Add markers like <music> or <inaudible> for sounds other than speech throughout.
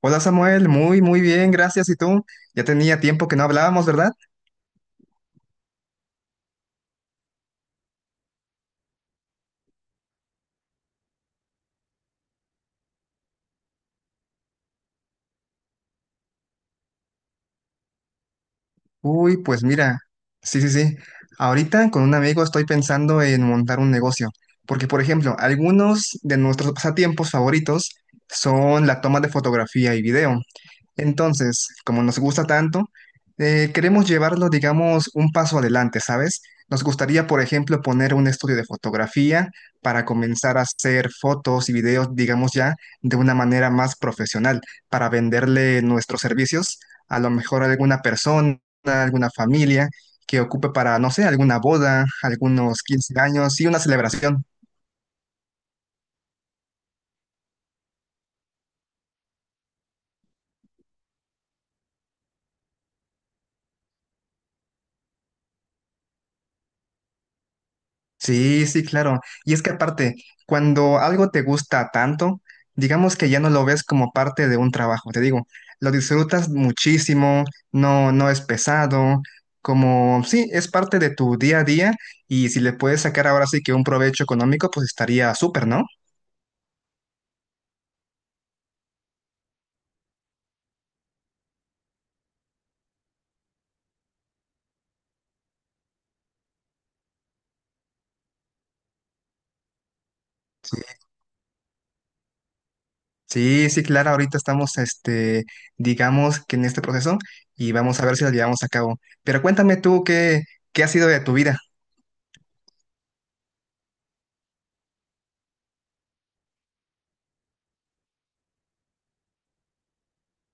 Hola Samuel, muy muy bien, gracias. ¿Y tú? Ya tenía tiempo que no hablábamos, ¿verdad? Uy, pues mira, sí, sí, sí. Ahorita con un amigo estoy pensando en montar un negocio, porque por ejemplo, algunos de nuestros pasatiempos favoritos son la toma de fotografía y video. Entonces, como nos gusta tanto, queremos llevarlo, digamos, un paso adelante, ¿sabes? Nos gustaría, por ejemplo, poner un estudio de fotografía para comenzar a hacer fotos y videos, digamos ya, de una manera más profesional, para venderle nuestros servicios a lo mejor a alguna persona, a alguna familia que ocupe para, no sé, alguna boda, algunos 15 años y una celebración. Sí, sí, claro. Y es que aparte, cuando algo te gusta tanto, digamos que ya no lo ves como parte de un trabajo, te digo, lo disfrutas muchísimo, no, no es pesado, como sí, es parte de tu día a día y si le puedes sacar ahora sí que un provecho económico, pues estaría súper, ¿no? Sí, sí, claro, ahorita estamos, este, digamos que en este proceso y vamos a ver si lo llevamos a cabo. Pero cuéntame tú qué, qué ha sido de tu vida,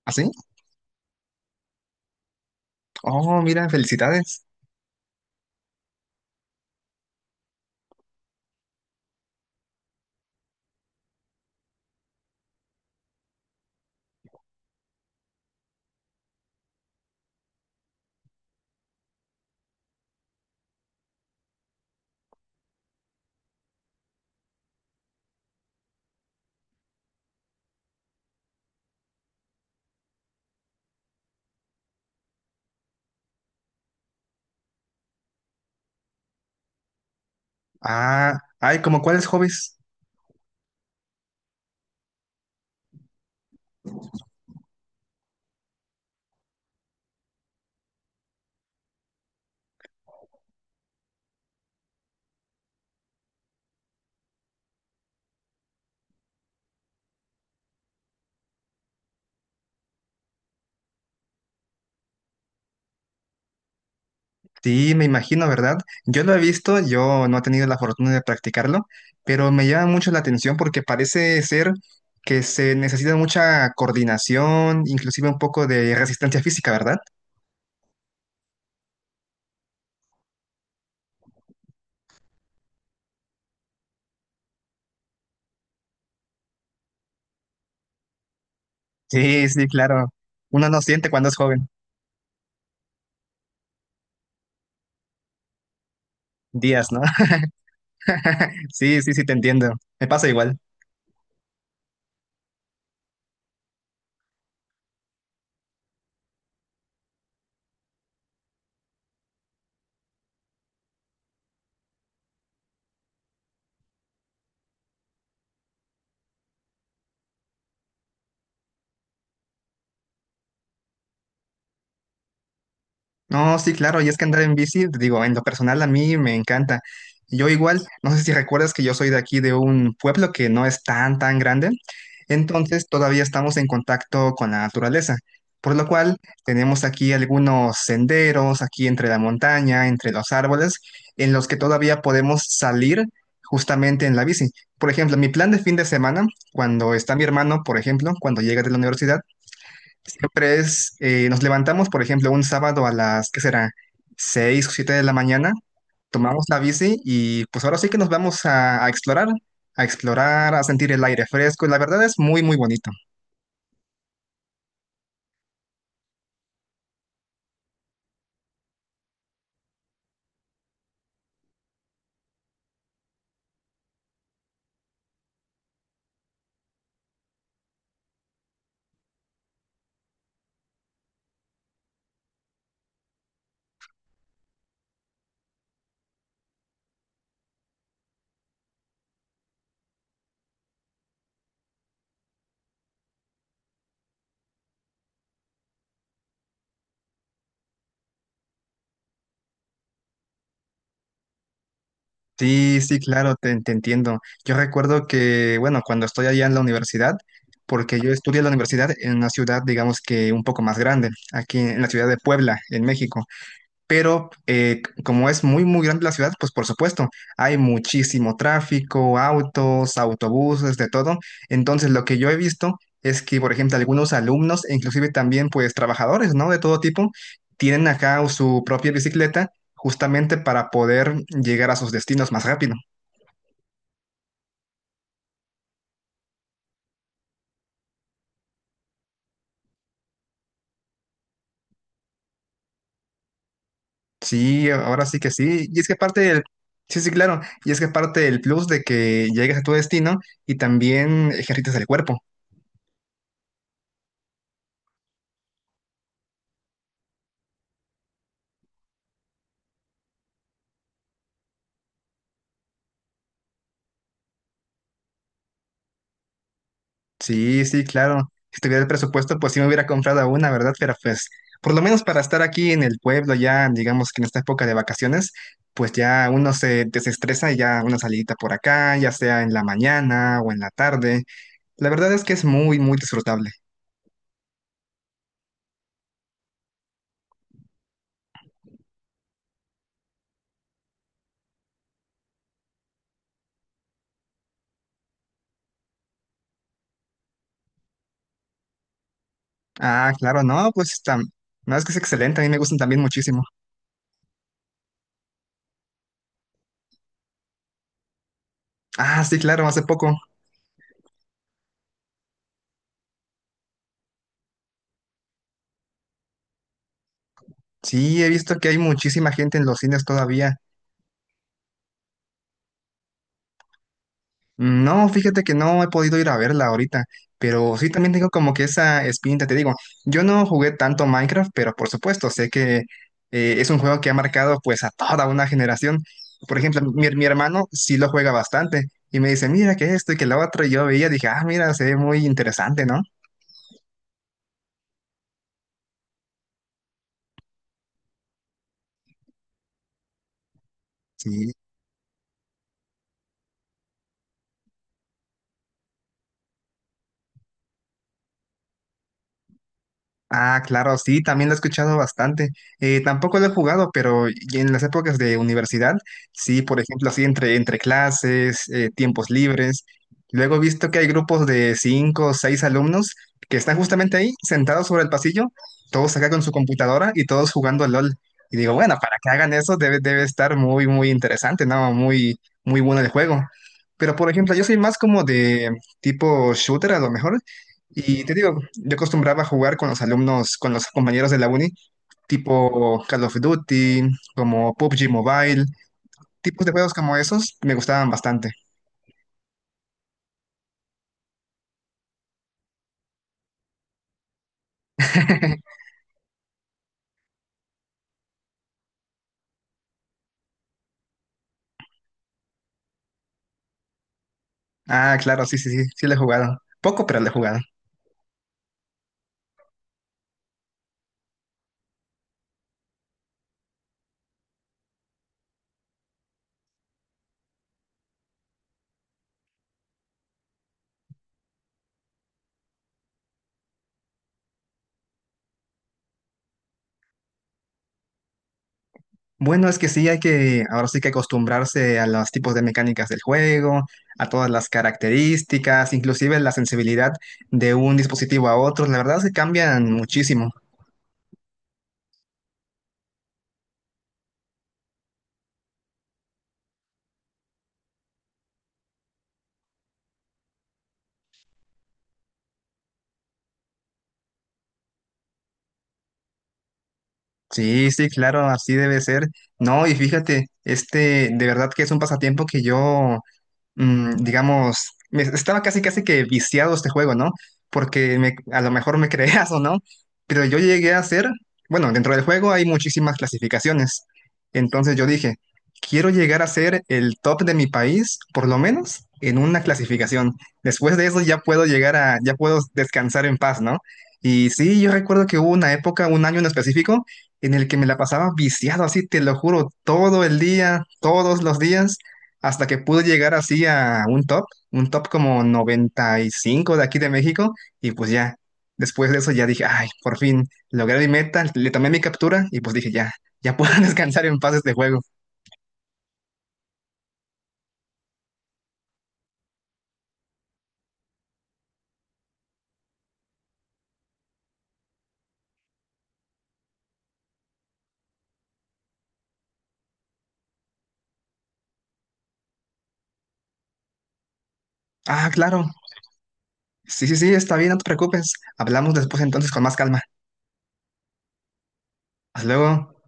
¿así? Oh, mira, felicidades. Ah, ay, ¿como cuáles hobbies? Sí, me imagino, ¿verdad? Yo lo he visto, yo no he tenido la fortuna de practicarlo, pero me llama mucho la atención porque parece ser que se necesita mucha coordinación, inclusive un poco de resistencia física, ¿verdad? Sí, sí, claro. Uno no siente cuando es joven, días, ¿no? <laughs> Sí, sí, sí, te entiendo. Me pasa igual. No, sí, claro, y es que andar en bici, te digo, en lo personal a mí me encanta. Yo igual, no sé si recuerdas que yo soy de aquí, de un pueblo que no es tan, tan grande, entonces todavía estamos en contacto con la naturaleza, por lo cual tenemos aquí algunos senderos, aquí entre la montaña, entre los árboles, en los que todavía podemos salir justamente en la bici. Por ejemplo, mi plan de fin de semana, cuando está mi hermano, por ejemplo, cuando llega de la universidad, siempre es, nos levantamos, por ejemplo, un sábado a las, ¿qué será? 6 o 7 de la mañana, tomamos la bici y pues ahora sí que nos vamos a explorar, a explorar, a sentir el aire fresco y la verdad es muy, muy bonito. Sí, sí, claro, te entiendo. Yo recuerdo que, bueno, cuando estoy allá en la universidad, porque yo estudié en la universidad en una ciudad, digamos que un poco más grande, aquí en la ciudad de Puebla, en México. Pero como es muy, muy grande la ciudad, pues por supuesto, hay muchísimo tráfico, autos, autobuses, de todo. Entonces, lo que yo he visto es que, por ejemplo, algunos alumnos, e inclusive también, pues, trabajadores, ¿no? De todo tipo, tienen acá su propia bicicleta justamente para poder llegar a sus destinos más rápido. Sí, ahora sí que sí. Y es que parte del... Sí, sí, claro. Y es que parte del plus de que llegues a tu destino y también ejercitas el cuerpo. Sí, sí, claro. Si tuviera el presupuesto, pues sí me hubiera comprado una, ¿verdad? Pero pues, por lo menos para estar aquí en el pueblo, ya digamos que en esta época de vacaciones, pues ya uno se desestresa y ya una salidita por acá, ya sea en la mañana o en la tarde. La verdad es que es muy, muy disfrutable. Ah, claro, no, pues está. No, es que es excelente, a mí me gustan también muchísimo. Ah, sí, claro, hace poco. Sí, he visto que hay muchísima gente en los cines todavía. No, fíjate que no he podido ir a verla ahorita, pero sí también tengo como que esa espinita, te digo, yo no jugué tanto Minecraft, pero por supuesto, sé que es un juego que ha marcado pues a toda una generación. Por ejemplo, mi hermano sí lo juega bastante y me dice, mira que esto y que lo otro, y yo veía, dije, ah, mira, se ve muy interesante, ¿no? Sí. Ah, claro, sí, también lo he escuchado bastante. Tampoco lo he jugado, pero y en las épocas de universidad, sí, por ejemplo, así entre, entre clases, tiempos libres. Luego he visto que hay grupos de cinco o seis alumnos que están justamente ahí, sentados sobre el pasillo, todos acá con su computadora y todos jugando LOL. Y digo, bueno, para que hagan eso debe, debe estar muy, muy interesante, ¿no? Muy, muy bueno el juego. Pero, por ejemplo, yo soy más como de tipo shooter, a lo mejor. Y te digo, yo acostumbraba a jugar con los alumnos, con los compañeros de la uni, tipo Call of Duty, como PUBG Mobile, tipos de juegos como esos me gustaban bastante. <laughs> Ah, claro, sí, sí, sí, sí le he jugado. Poco, pero le he jugado. Bueno, es que sí hay que, ahora sí que acostumbrarse a los tipos de mecánicas del juego, a todas las características, inclusive la sensibilidad de un dispositivo a otro. La verdad es que cambian muchísimo. Sí, sí, claro, así debe ser. No, y fíjate, este, de verdad que es un pasatiempo que yo digamos, me- estaba casi casi que viciado este juego, ¿no? Porque me- a lo mejor me <laughs> creas o no, pero yo llegué a hacer, bueno, dentro del juego hay muchísimas clasificaciones. Entonces yo dije, quiero llegar a ser el top de mi país, por lo menos en una clasificación. Después de eso ya puedo llegar a, ya puedo descansar en paz, ¿no? Y sí, yo recuerdo que hubo una época, un año en específico, en el que me la pasaba viciado así, te lo juro, todo el día, todos los días hasta que pude llegar así a un top como 95 de aquí de México, y pues ya, después de eso ya dije, ay, por fin, logré mi meta, le tomé mi captura y pues dije, ya, ya puedo <laughs> descansar en paz este juego. Ah, claro, sí, sí, sí, está bien, no te preocupes, hablamos después entonces con más calma. Hasta luego.